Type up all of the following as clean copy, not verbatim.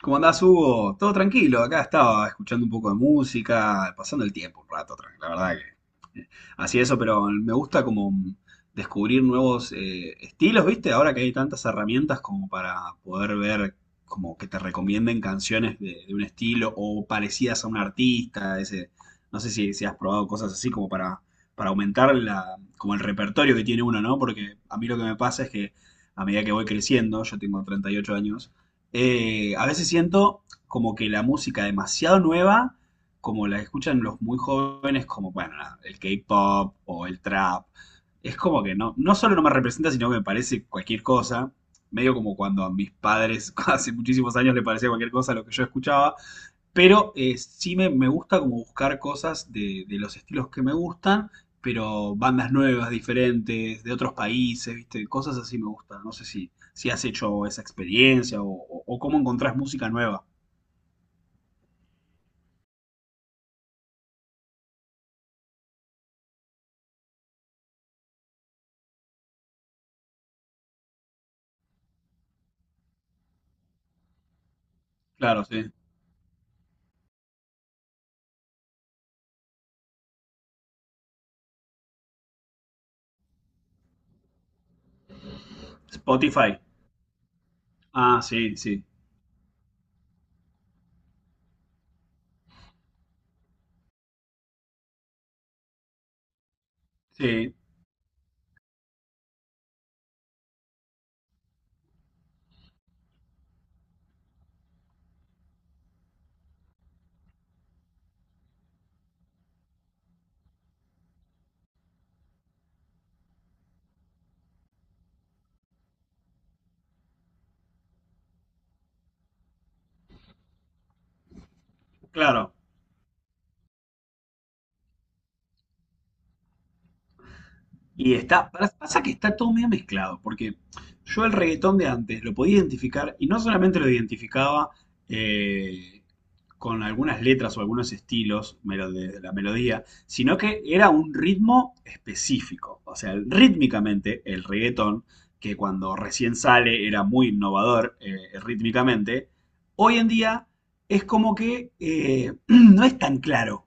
¿Cómo andás, Hugo? Todo tranquilo, acá estaba escuchando un poco de música, pasando el tiempo un rato, la verdad que así eso, pero me gusta como descubrir nuevos estilos, ¿viste? Ahora que hay tantas herramientas como para poder ver, como que te recomienden canciones de un estilo o parecidas a un artista, ese, no sé si has probado cosas así como para aumentar como el repertorio que tiene uno, ¿no? Porque a mí lo que me pasa es que a medida que voy creciendo, yo tengo 38 años, a veces siento como que la música demasiado nueva, como la escuchan los muy jóvenes, como, bueno, nada, el K-pop o el trap, es como que no, no solo no me representa, sino que me parece cualquier cosa. Medio como cuando a mis padres hace muchísimos años le parecía cualquier cosa lo que yo escuchaba. Pero sí me gusta como buscar cosas de los estilos que me gustan, pero bandas nuevas, diferentes, de otros países, ¿viste? Cosas así me gustan. No sé si has hecho esa experiencia o, o cómo encontrás música nueva. Claro, sí. Spotify. Ah, sí, sí. Sí, claro. Y está, pasa que está todo medio mezclado, porque yo el reggaetón de antes lo podía identificar y no solamente lo identificaba eh, con algunas letras o algunos estilos de la melodía, sino que era un ritmo específico. O sea, rítmicamente el reggaetón, que cuando recién sale era muy innovador rítmicamente, hoy en día es como que no es tan claro.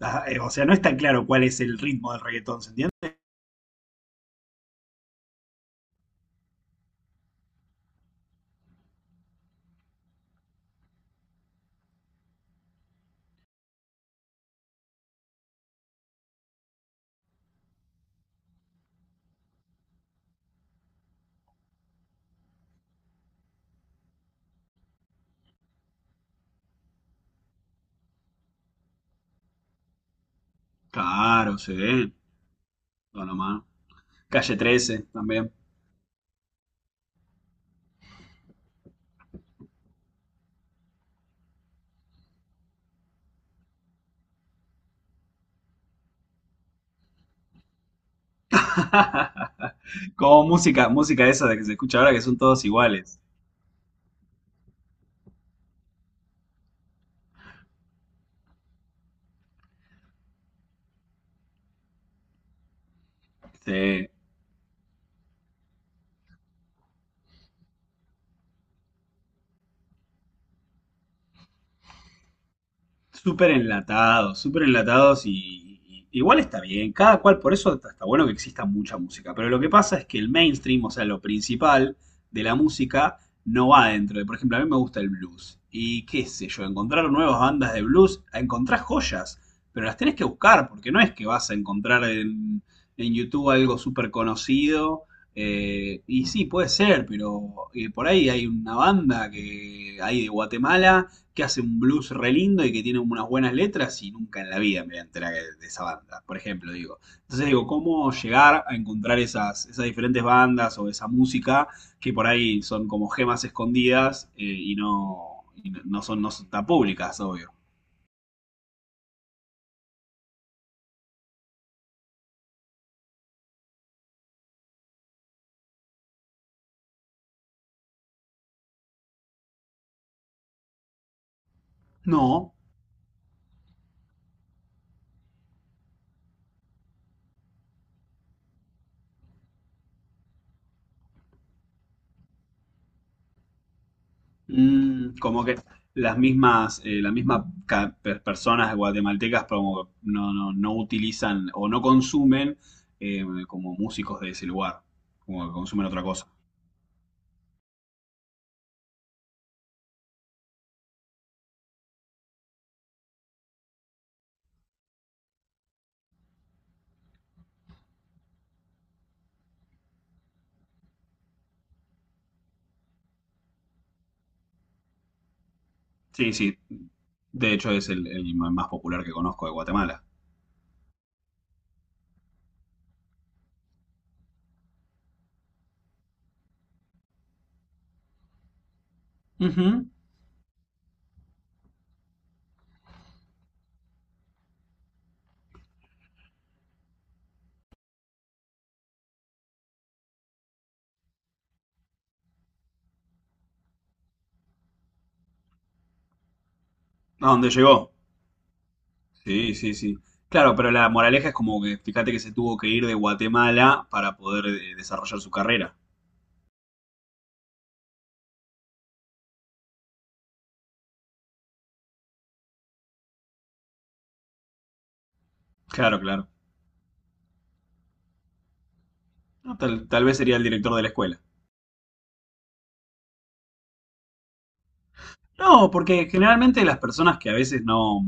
O sea, no es tan claro cuál es el ritmo del reggaetón, ¿se entiende? Claro, sí. Toda la mano. Calle 13 también. Como música, música esa de que se escucha ahora que son todos iguales. Sí. Súper enlatados igual está bien, cada cual, por eso está bueno que exista mucha música, pero lo que pasa es que el mainstream, o sea, lo principal de la música no va dentro de, por ejemplo, a mí me gusta el blues y qué sé yo, encontrar nuevas bandas de blues, encontrar joyas, pero las tenés que buscar porque no es que vas a encontrar en YouTube algo súper conocido. Y sí, puede ser, pero por ahí hay una banda que hay de Guatemala que hace un blues re lindo y que tiene unas buenas letras y nunca en la vida me voy a enterar de esa banda, por ejemplo, digo. Entonces digo, ¿cómo llegar a encontrar esas diferentes bandas o esa música que por ahí son como gemas escondidas no, no son, no son tan públicas, ¿obvio? No. Como que las mismas personas guatemaltecas como que no, no, no utilizan o no consumen como músicos de ese lugar, como que consumen otra cosa. Sí, sí. De hecho, es el más popular que conozco de Guatemala. Ujú. ¿A dónde llegó? Sí, sí, sí. Claro, pero la moraleja es como que fíjate que se tuvo que ir de Guatemala para poder desarrollar su carrera. Claro, claro. No. Tal vez sería el director de la escuela. No, porque generalmente las personas que a veces no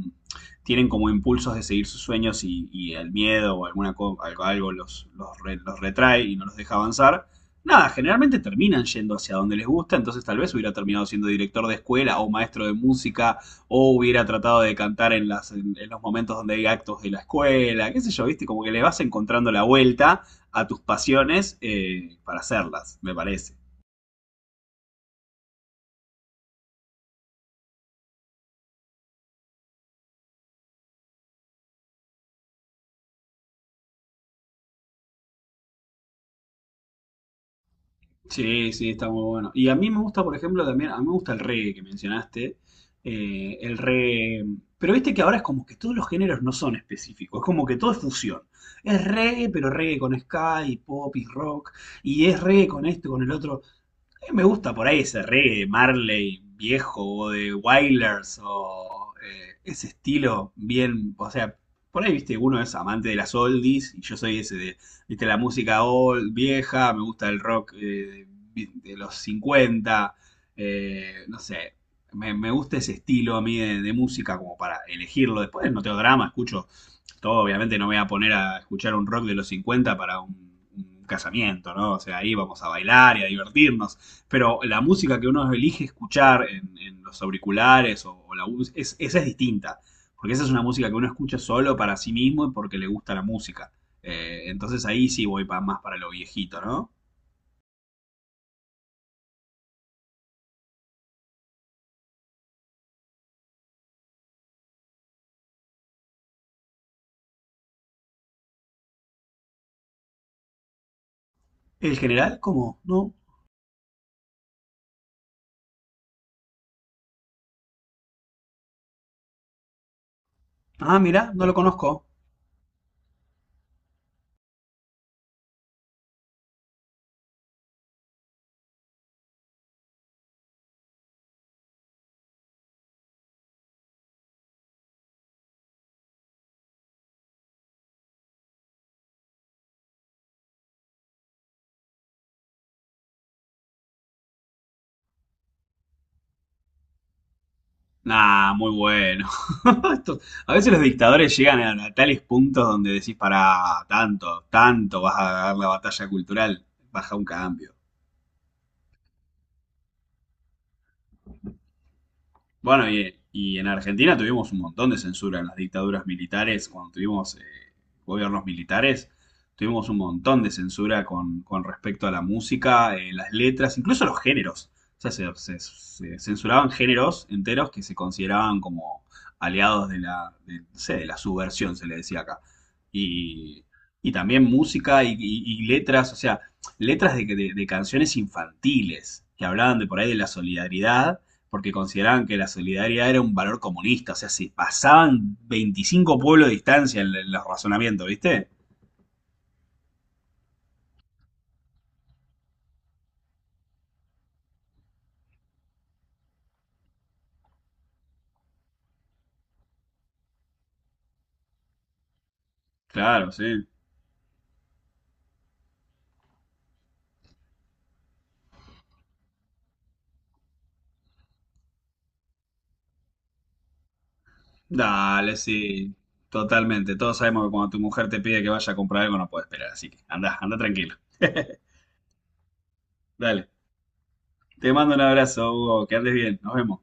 tienen como impulsos de seguir sus sueños y el miedo o algo, los retrae y no los deja avanzar, nada, generalmente terminan yendo hacia donde les gusta, entonces tal vez hubiera terminado siendo director de escuela o maestro de música o hubiera tratado de cantar en los momentos donde hay actos de la escuela, qué sé yo, viste, como que le vas encontrando la vuelta a tus pasiones para hacerlas, me parece. Sí, sí, está muy bueno. Y a mí me gusta, por ejemplo, también, a mí me gusta el reggae que mencionaste. El reggae. Pero viste que ahora es como que todos los géneros no son específicos, es como que todo es fusión. Es reggae, pero reggae con ska y pop y rock, y es reggae con esto, con el otro. Me gusta por ahí ese reggae de Marley viejo o de Wailers o ese estilo bien, o sea, por ahí, viste, uno es amante de las oldies y yo soy ese de, viste, la música old, vieja, me gusta el rock de los 50 no sé, me gusta ese estilo a mí de música como para elegirlo. Después no tengo drama, escucho todo, obviamente, no me voy a poner a escuchar un rock de los 50 para un casamiento, ¿no? O sea, ahí vamos a bailar y a divertirnos. Pero la música que uno elige escuchar en los auriculares o, es, esa es distinta. Porque esa es una música que uno escucha solo para sí mismo y porque le gusta la música. Entonces ahí sí voy más para lo viejito, ¿no? El general, ¿cómo? No. Ah, mira, no lo conozco. Nah, muy bueno. Esto... A veces los dictadores llegan a tales puntos donde decís, para tanto, tanto vas a dar la batalla cultural, baja un cambio. Bueno, y en Argentina tuvimos un montón de censura en las dictaduras militares, cuando tuvimos gobiernos militares, tuvimos un montón de censura con respecto a la música, las letras, incluso los géneros. O sea, se censuraban géneros enteros que se consideraban como aliados de la, de, no sé, de la subversión, se le decía acá. Y, y también música y letras, o sea, letras de canciones infantiles que hablaban de por ahí de la solidaridad porque consideraban que la solidaridad era un valor comunista, o sea, se pasaban 25 pueblos de distancia en los razonamientos, ¿viste? Claro, sí. Dale, sí. Totalmente. Todos sabemos que cuando tu mujer te pide que vaya a comprar algo no puede esperar, así que anda, anda tranquilo. Dale. Te mando un abrazo, Hugo, que andes bien. Nos vemos.